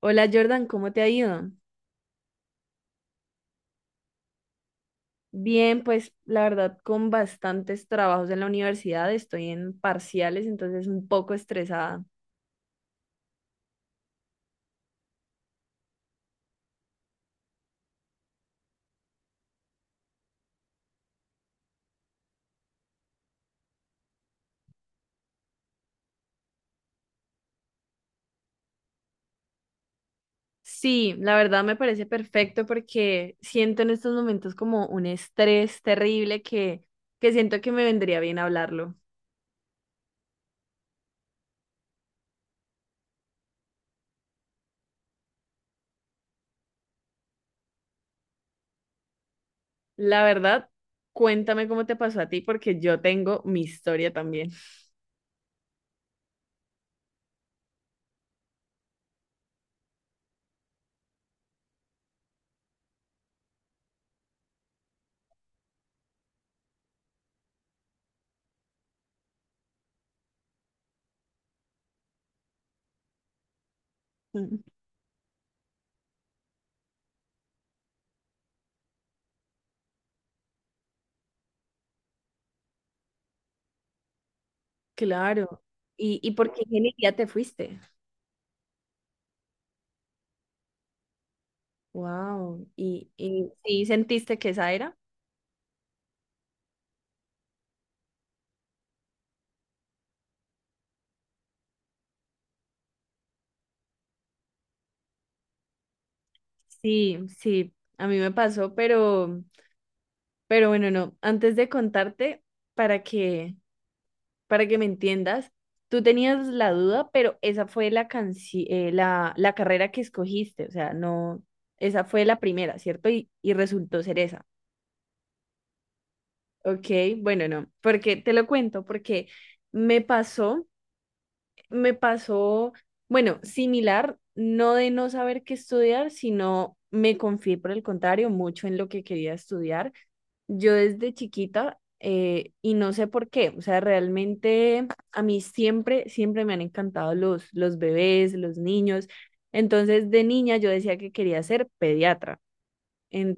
Hola Jordan, ¿cómo te ha ido? Bien, pues la verdad con bastantes trabajos en la universidad, estoy en parciales, entonces un poco estresada. Sí, la verdad me parece perfecto porque siento en estos momentos como un estrés terrible que siento que me vendría bien hablarlo. La verdad, cuéntame cómo te pasó a ti porque yo tengo mi historia también. Mm, Claro. Y por qué ingeniería te fuiste? Wow. Y sí sentiste que esa era? Sí, sí, a mí me pasó, pero bueno, no. Antes de contarte, para que, para que me entiendas, tú tenías la duda, pero esa fue la la carrera que escogiste, o sea, no, esa fue la primera, ¿cierto? Y resultó ser esa. Ok, bueno, no, porque te lo cuento, porque me pasó, me pasó, bueno, similar, no de no saber qué estudiar, sino me confié por el contrario mucho en lo que quería estudiar. Yo desde chiquita, y no sé por qué, o sea, realmente a mí siempre, siempre me han encantado los bebés, los niños. Entonces, de niña yo decía que quería ser pediatra. En-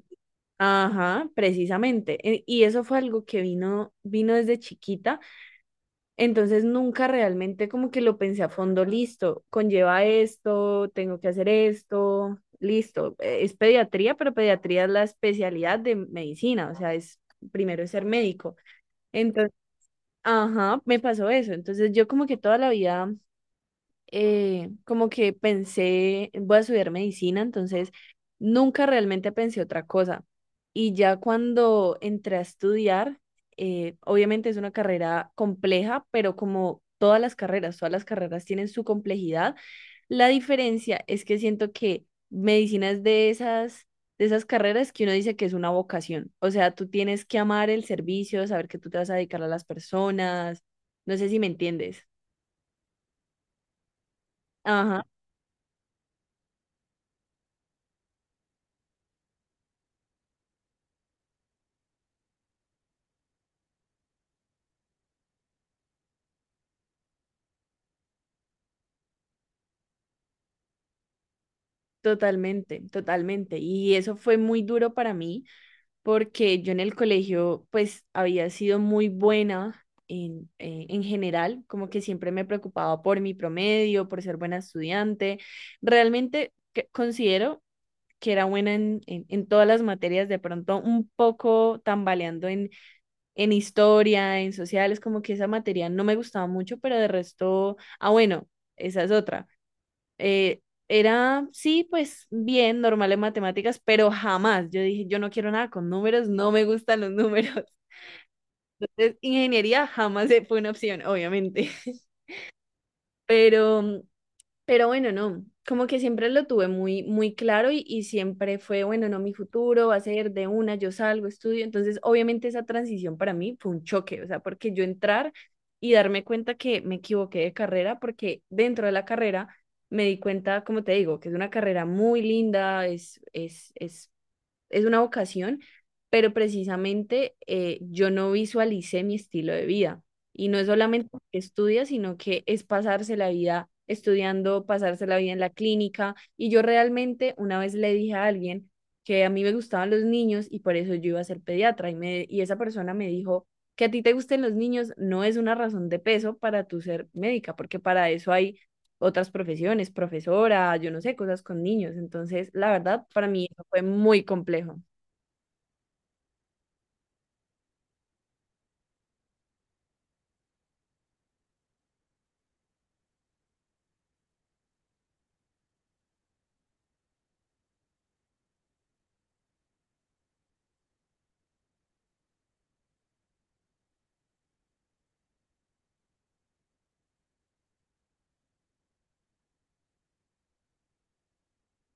ajá, precisamente. Y eso fue algo que vino desde chiquita, entonces nunca realmente como que lo pensé a fondo, listo, conlleva esto, tengo que hacer esto, listo. Es pediatría, pero pediatría es la especialidad de medicina, o sea, es primero es ser médico. Entonces, ajá, me pasó eso. Entonces yo como que toda la vida como que pensé, voy a estudiar medicina, entonces nunca realmente pensé otra cosa. Y ya cuando entré a estudiar, obviamente es una carrera compleja, pero como todas las carreras tienen su complejidad. La diferencia es que siento que medicina es de de esas carreras que uno dice que es una vocación. O sea, tú tienes que amar el servicio, saber que tú te vas a dedicar a las personas. No sé si me entiendes. Ajá. Totalmente, totalmente. Y eso fue muy duro para mí porque yo en el colegio pues había sido muy buena en general, como que siempre me preocupaba por mi promedio, por ser buena estudiante. Realmente considero que era buena en todas las materias, de pronto un poco tambaleando en historia, en sociales, como que esa materia no me gustaba mucho, pero de resto, ah, bueno, esa es otra. Eh, sí, pues bien, normal en matemáticas, pero jamás. Yo dije, yo no quiero nada con números, no me gustan los números. Entonces, ingeniería jamás fue una opción, obviamente. Pero pero bueno, no, como que siempre lo tuve muy, muy claro y siempre fue, bueno, no, mi futuro va a ser de una, yo salgo, estudio. Entonces, obviamente esa transición para mí fue un choque, o sea, porque yo entrar y darme cuenta que me equivoqué de carrera, porque dentro de la carrera me di cuenta, como te digo, que es una carrera muy linda, es una vocación, pero precisamente yo no visualicé mi estilo de vida. Y no es solamente que estudia, sino que es pasarse la vida estudiando, pasarse la vida en la clínica. Y yo realmente una vez le dije a alguien que a mí me gustaban los niños y por eso yo iba a ser pediatra. Y esa persona me dijo que a ti te gusten los niños no es una razón de peso para tu ser médica, porque para eso hay otras profesiones, profesora, yo no sé, cosas con niños. Entonces, la verdad, para mí eso fue muy complejo.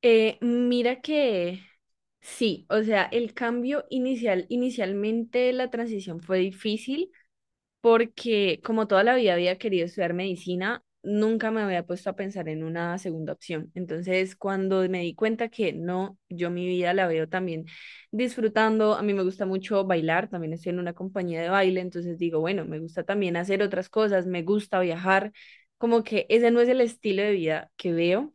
Mira que sí, o sea, el cambio inicialmente la transición fue difícil porque como toda la vida había querido estudiar medicina, nunca me había puesto a pensar en una segunda opción. Entonces, cuando me di cuenta que no, yo mi vida la veo también disfrutando, a mí me gusta mucho bailar, también estoy en una compañía de baile, entonces digo, bueno, me gusta también hacer otras cosas, me gusta viajar, como que ese no es el estilo de vida que veo,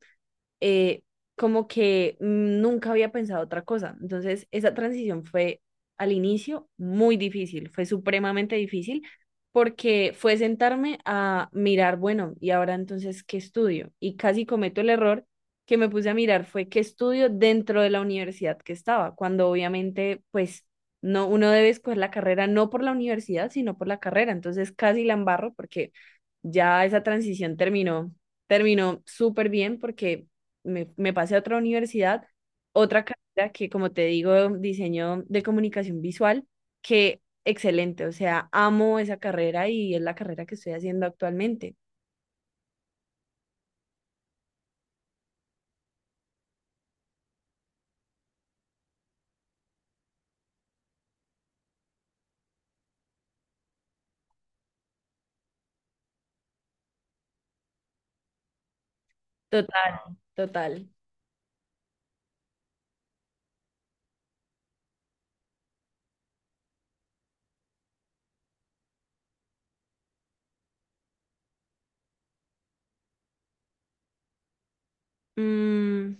eh, como que mm, nunca había pensado otra cosa. Entonces, esa transición fue al inicio muy difícil, fue supremamente difícil porque fue sentarme a mirar, bueno, y ahora entonces, ¿qué estudio? Y casi cometo el error que me puse a mirar fue qué estudio dentro de la universidad que estaba, cuando obviamente, pues, no, uno debe escoger la carrera no por la universidad, sino por la carrera. Entonces, casi la embarro porque ya esa transición terminó súper bien porque me pasé a otra universidad, otra carrera que, como te digo, diseño de comunicación visual, que excelente, o sea, amo esa carrera y es la carrera que estoy haciendo actualmente. Total, total. Mm,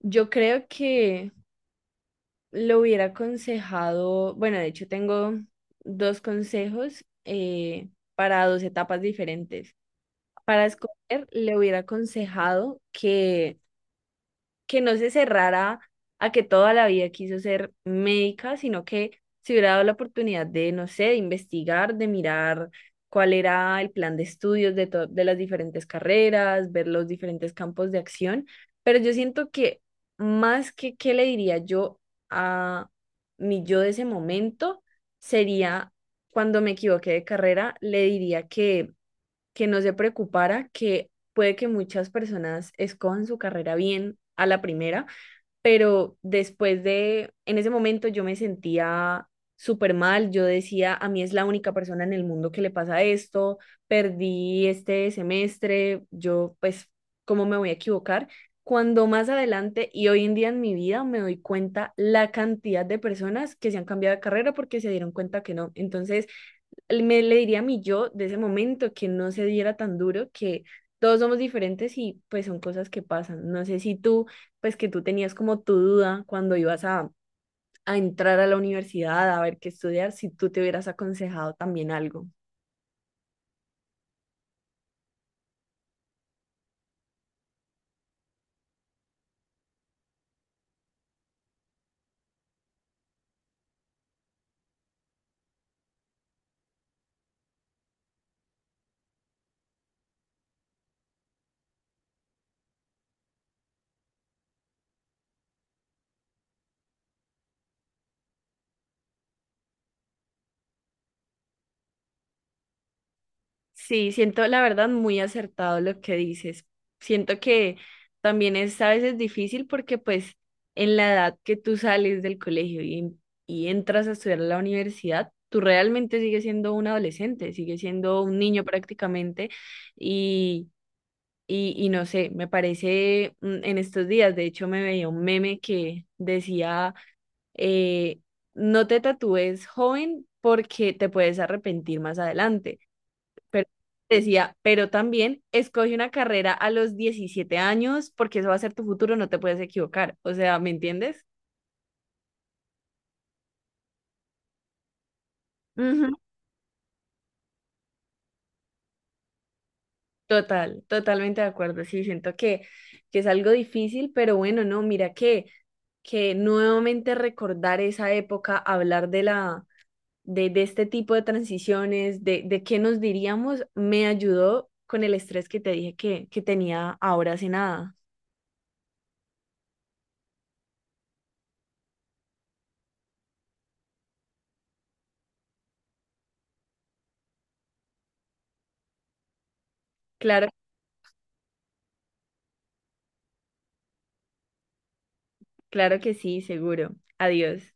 yo creo que lo hubiera aconsejado, bueno, de hecho tengo dos consejos, para dos etapas diferentes. Para escoger, le hubiera aconsejado que no se cerrara a que toda la vida quiso ser médica, sino que se hubiera dado la oportunidad de, no sé, de investigar, de mirar cuál era el plan de estudios de, de las diferentes carreras, ver los diferentes campos de acción. Pero yo siento que más que qué le diría yo a mi yo de ese momento, sería cuando me equivoqué de carrera, le diría que no se preocupara, que puede que muchas personas escojan su carrera bien a la primera, pero después de, en ese momento yo me sentía súper mal, yo decía, a mí es la única persona en el mundo que le pasa esto, perdí este semestre, yo pues, ¿cómo me voy a equivocar? Cuando más adelante y hoy en día en mi vida me doy cuenta la cantidad de personas que se han cambiado de carrera porque se dieron cuenta que no. Entonces, me le diría a mi yo de ese momento que no se diera tan duro, que todos somos diferentes y pues son cosas que pasan. No sé si tú, pues que tú tenías como tu duda cuando ibas a entrar a la universidad, a ver qué estudiar, si tú te hubieras aconsejado también algo. Sí, siento la verdad muy acertado lo que dices. Siento que también es a veces difícil porque pues en la edad que tú sales del colegio y entras a estudiar a la universidad, tú realmente sigues siendo un adolescente, sigues siendo un niño prácticamente y, y no sé, me parece mm, en estos días, de hecho me veía un meme que decía, eh, no te tatúes joven porque te puedes arrepentir más adelante. Pero decía, pero también escoge una carrera a los 17 años porque eso va a ser tu futuro, no te puedes equivocar. O sea, ¿me entiendes? Ujú. Total, totalmente de acuerdo. Sí, siento que es algo difícil, pero bueno, no, mira que nuevamente recordar esa época, hablar de de este tipo de transiciones, de qué nos diríamos, me ayudó con el estrés que te dije que tenía ahora hace nada. Claro, claro que sí, seguro. Adiós.